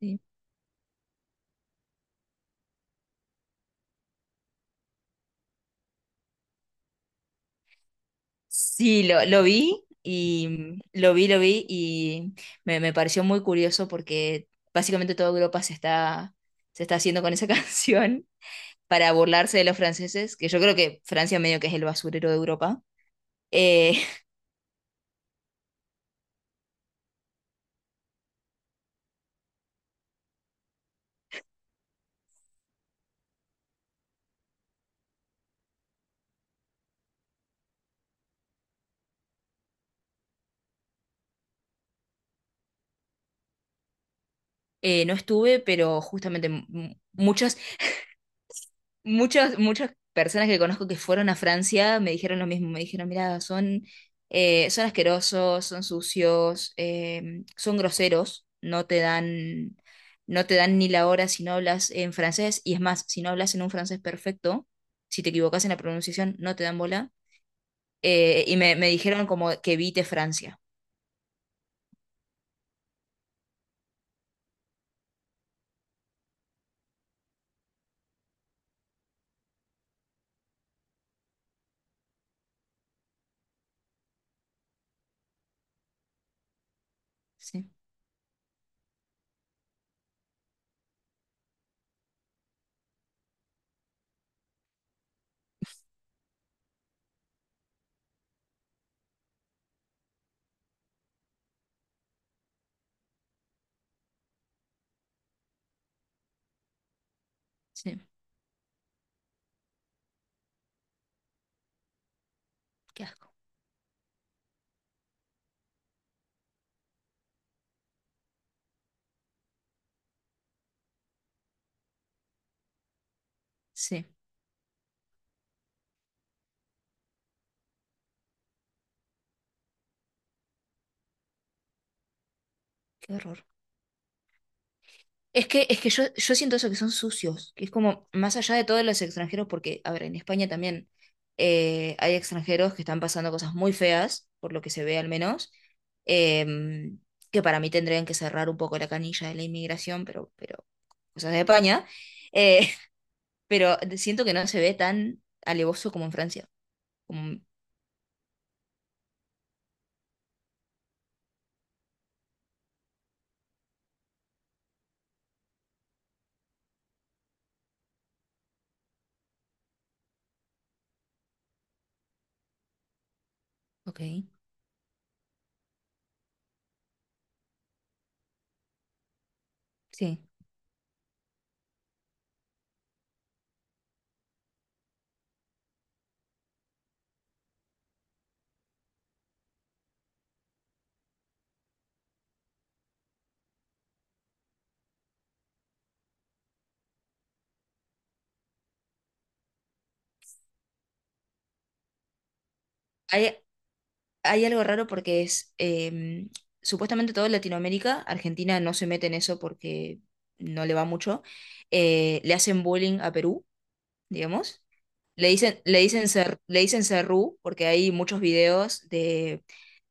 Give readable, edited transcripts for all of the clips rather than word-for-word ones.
Sí. Sí, lo vi y lo vi y me pareció muy curioso porque básicamente toda Europa se está haciendo con esa canción para burlarse de los franceses, que yo creo que Francia medio que es el basurero de Europa. Eh, no estuve, pero justamente muchas, muchas personas que conozco que fueron a Francia me dijeron lo mismo, me dijeron, mira, son, son asquerosos, son sucios, son groseros, no te dan ni la hora si no hablas en francés, y es más, si no hablas en un francés perfecto, si te equivocas en la pronunciación, no te dan bola. Y me dijeron como que evite Francia. Sí, sí, qué asco, sí, qué horror. Es que yo siento eso que son sucios, que es como más allá de todos los extranjeros, porque, a ver, en España también hay extranjeros que están pasando cosas muy feas, por lo que se ve al menos. em, que para mí tendrían que cerrar un poco la canilla de la inmigración, pero cosas de España. eh, pero siento que no se ve tan alevoso como en Francia. Como, ok, sí. Hay, hay algo raro porque es supuestamente todo Latinoamérica, Argentina no se mete en eso porque no le va mucho. Le hacen bullying a Perú, digamos. Le dicen cerrú porque hay muchos videos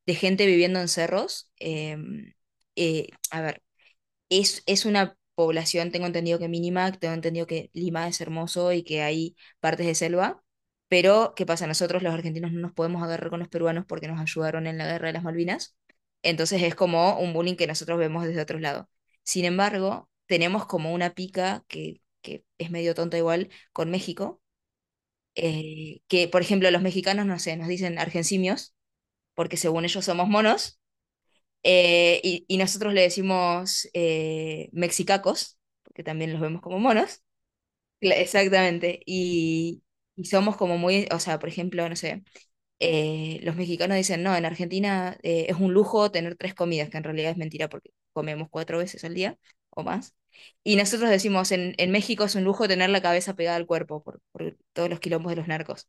de gente viviendo en cerros. A ver, es una población, tengo entendido que mínima, tengo entendido que Lima es hermoso y que hay partes de selva, pero ¿qué pasa? Nosotros los argentinos no nos podemos agarrar con los peruanos porque nos ayudaron en la guerra de las Malvinas, entonces es como un bullying que nosotros vemos desde otro lado. Sin embargo, tenemos como una pica que es medio tonta igual con México. Que por ejemplo los mexicanos, no sé, nos dicen argencimios porque según ellos somos monos. Y nosotros le decimos mexicacos, porque también los vemos como monos. Exactamente. Y somos como muy, o sea, por ejemplo, no sé, los mexicanos dicen, no, en Argentina es un lujo tener tres comidas, que en realidad es mentira porque comemos 4 veces al día o más. Y nosotros decimos, en México es un lujo tener la cabeza pegada al cuerpo por todos los quilombos de los narcos.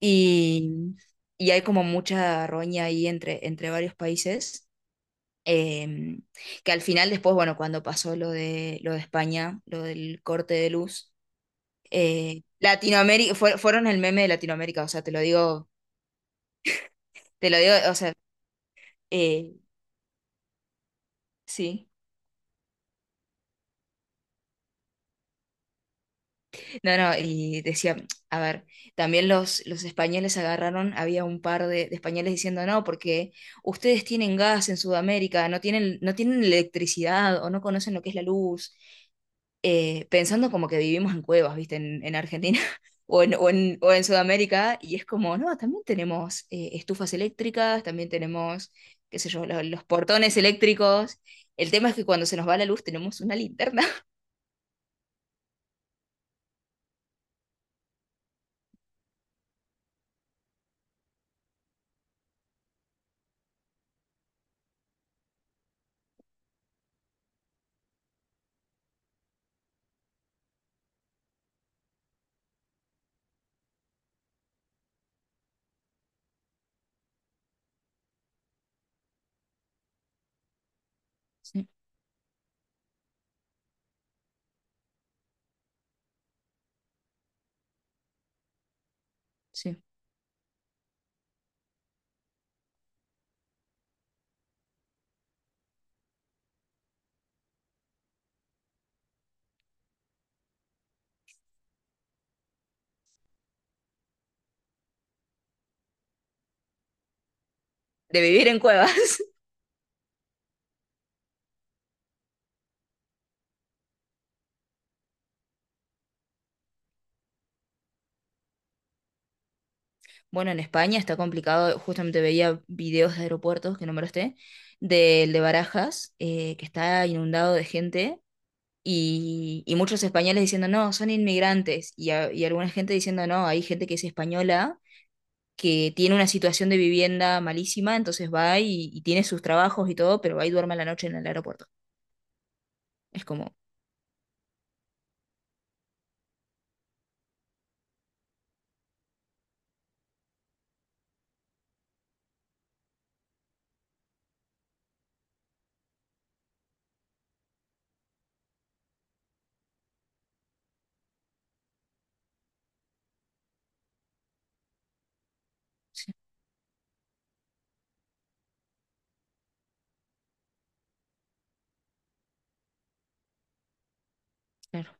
Y, y hay como mucha roña ahí entre varios países. Eh, que al final después, bueno, cuando pasó lo de España, lo del corte de luz. Latinoamérica, fueron el meme de Latinoamérica, o sea, te lo digo, o sea, eh, sí, no, no, y decía, a ver, también los españoles agarraron, había un par de españoles diciendo, no, porque ustedes tienen gas en Sudamérica, no tienen electricidad o no conocen lo que es la luz. Pensando como que vivimos en cuevas, ¿viste? En Argentina o en Sudamérica, y es como, no, también tenemos estufas eléctricas, también tenemos, qué sé yo, los portones eléctricos. El tema es que cuando se nos va la luz tenemos una linterna. Sí, sí. De vivir en cuevas. Bueno, en España está complicado, justamente veía videos de aeropuertos que no me lo esté del de Barajas, que está inundado de gente y muchos españoles diciendo, no, son inmigrantes, y alguna gente diciendo, no, hay gente que es española, que tiene una situación de vivienda malísima, entonces va y tiene sus trabajos y todo, pero va y duerme a la noche en el aeropuerto. Es como, sí, claro.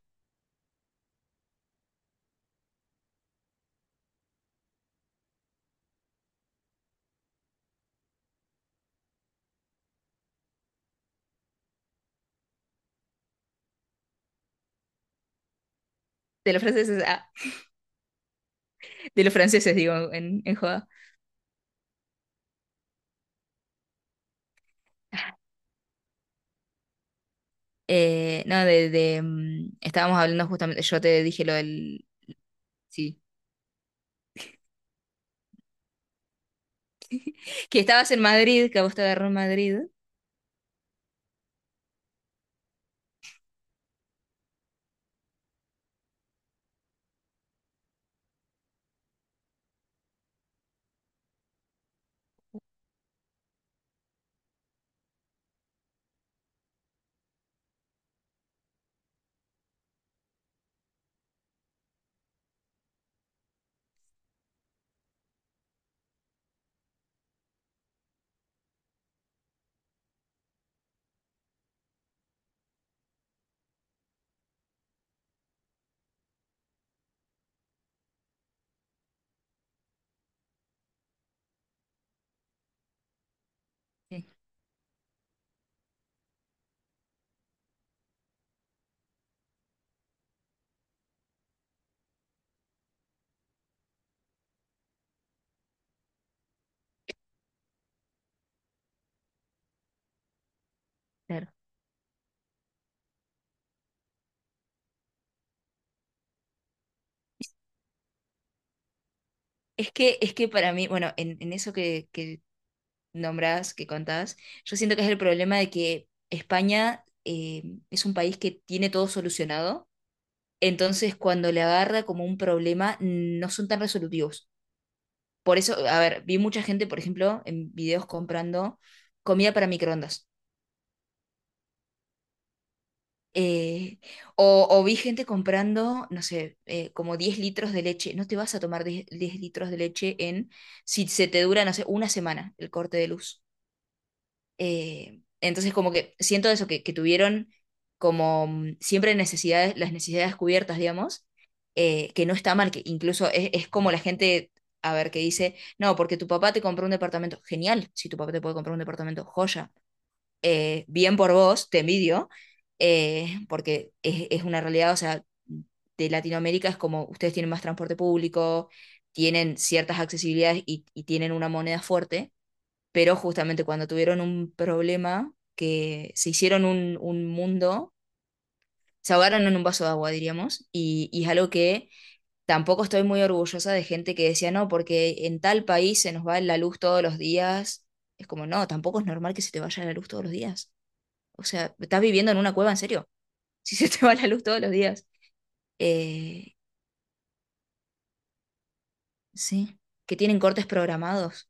De los franceses, ah, de los franceses, digo, en joda. No, de, mm, Estábamos hablando justamente, yo te dije lo del, sí, que estabas en Madrid, que a vos te agarró en Madrid. Sí, claro. Es que para mí, bueno, en eso que nombras, que contás, yo siento que es el problema de que España es un país que tiene todo solucionado, entonces cuando le agarra como un problema no son tan resolutivos. Por eso, a ver, vi mucha gente, por ejemplo, en videos comprando comida para microondas. Eh, o vi gente comprando, no sé, como 10 litros de leche. No te vas a tomar 10 10 litros de leche en, si se te dura, no sé, una semana el corte de luz. Entonces, como que siento eso, que tuvieron como siempre necesidades, las necesidades cubiertas, digamos. Que no está mal, que incluso es como la gente, a ver, que dice, no, porque tu papá te compró un departamento. Genial, si tu papá te puede comprar un departamento, joya. Bien por vos, te envidio. Porque es una realidad, o sea, de Latinoamérica es como ustedes tienen más transporte público, tienen ciertas accesibilidades y tienen una moneda fuerte, pero justamente cuando tuvieron un problema, que se hicieron un mundo, se ahogaron en un vaso de agua, diríamos, y es algo que tampoco estoy muy orgullosa de gente que decía, no, porque en tal país se nos va la luz todos los días. Es como, no, tampoco es normal que se te vaya la luz todos los días. O sea, estás viviendo en una cueva, en serio, si se te va la luz todos los días. Eh, sí, que tienen cortes programados.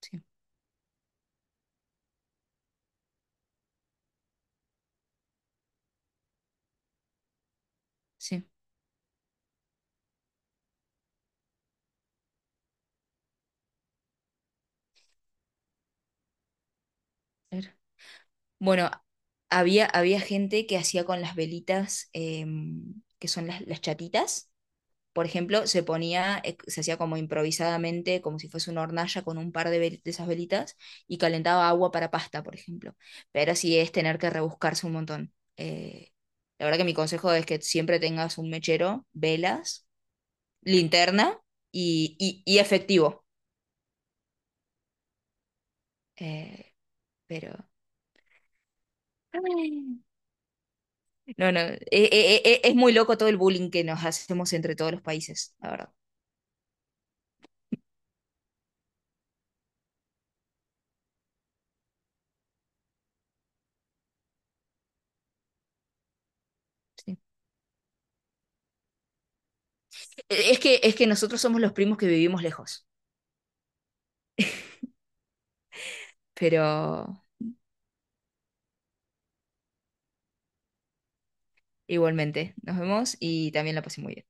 Sí, sí. Claro. Bueno, había gente que hacía con las velitas, que son las chatitas. Por ejemplo, se hacía como improvisadamente, como si fuese una hornalla con un par de, de esas velitas y calentaba agua para pasta, por ejemplo. Pero sí es tener que rebuscarse un montón. La verdad que mi consejo es que siempre tengas un mechero, velas, linterna y efectivo. Eh, pero... No, es muy loco todo el bullying que nos hacemos entre todos los países, la verdad. Sí. Es que, es que nosotros somos los primos que vivimos lejos, pero igualmente, nos vemos y también la pasé muy bien.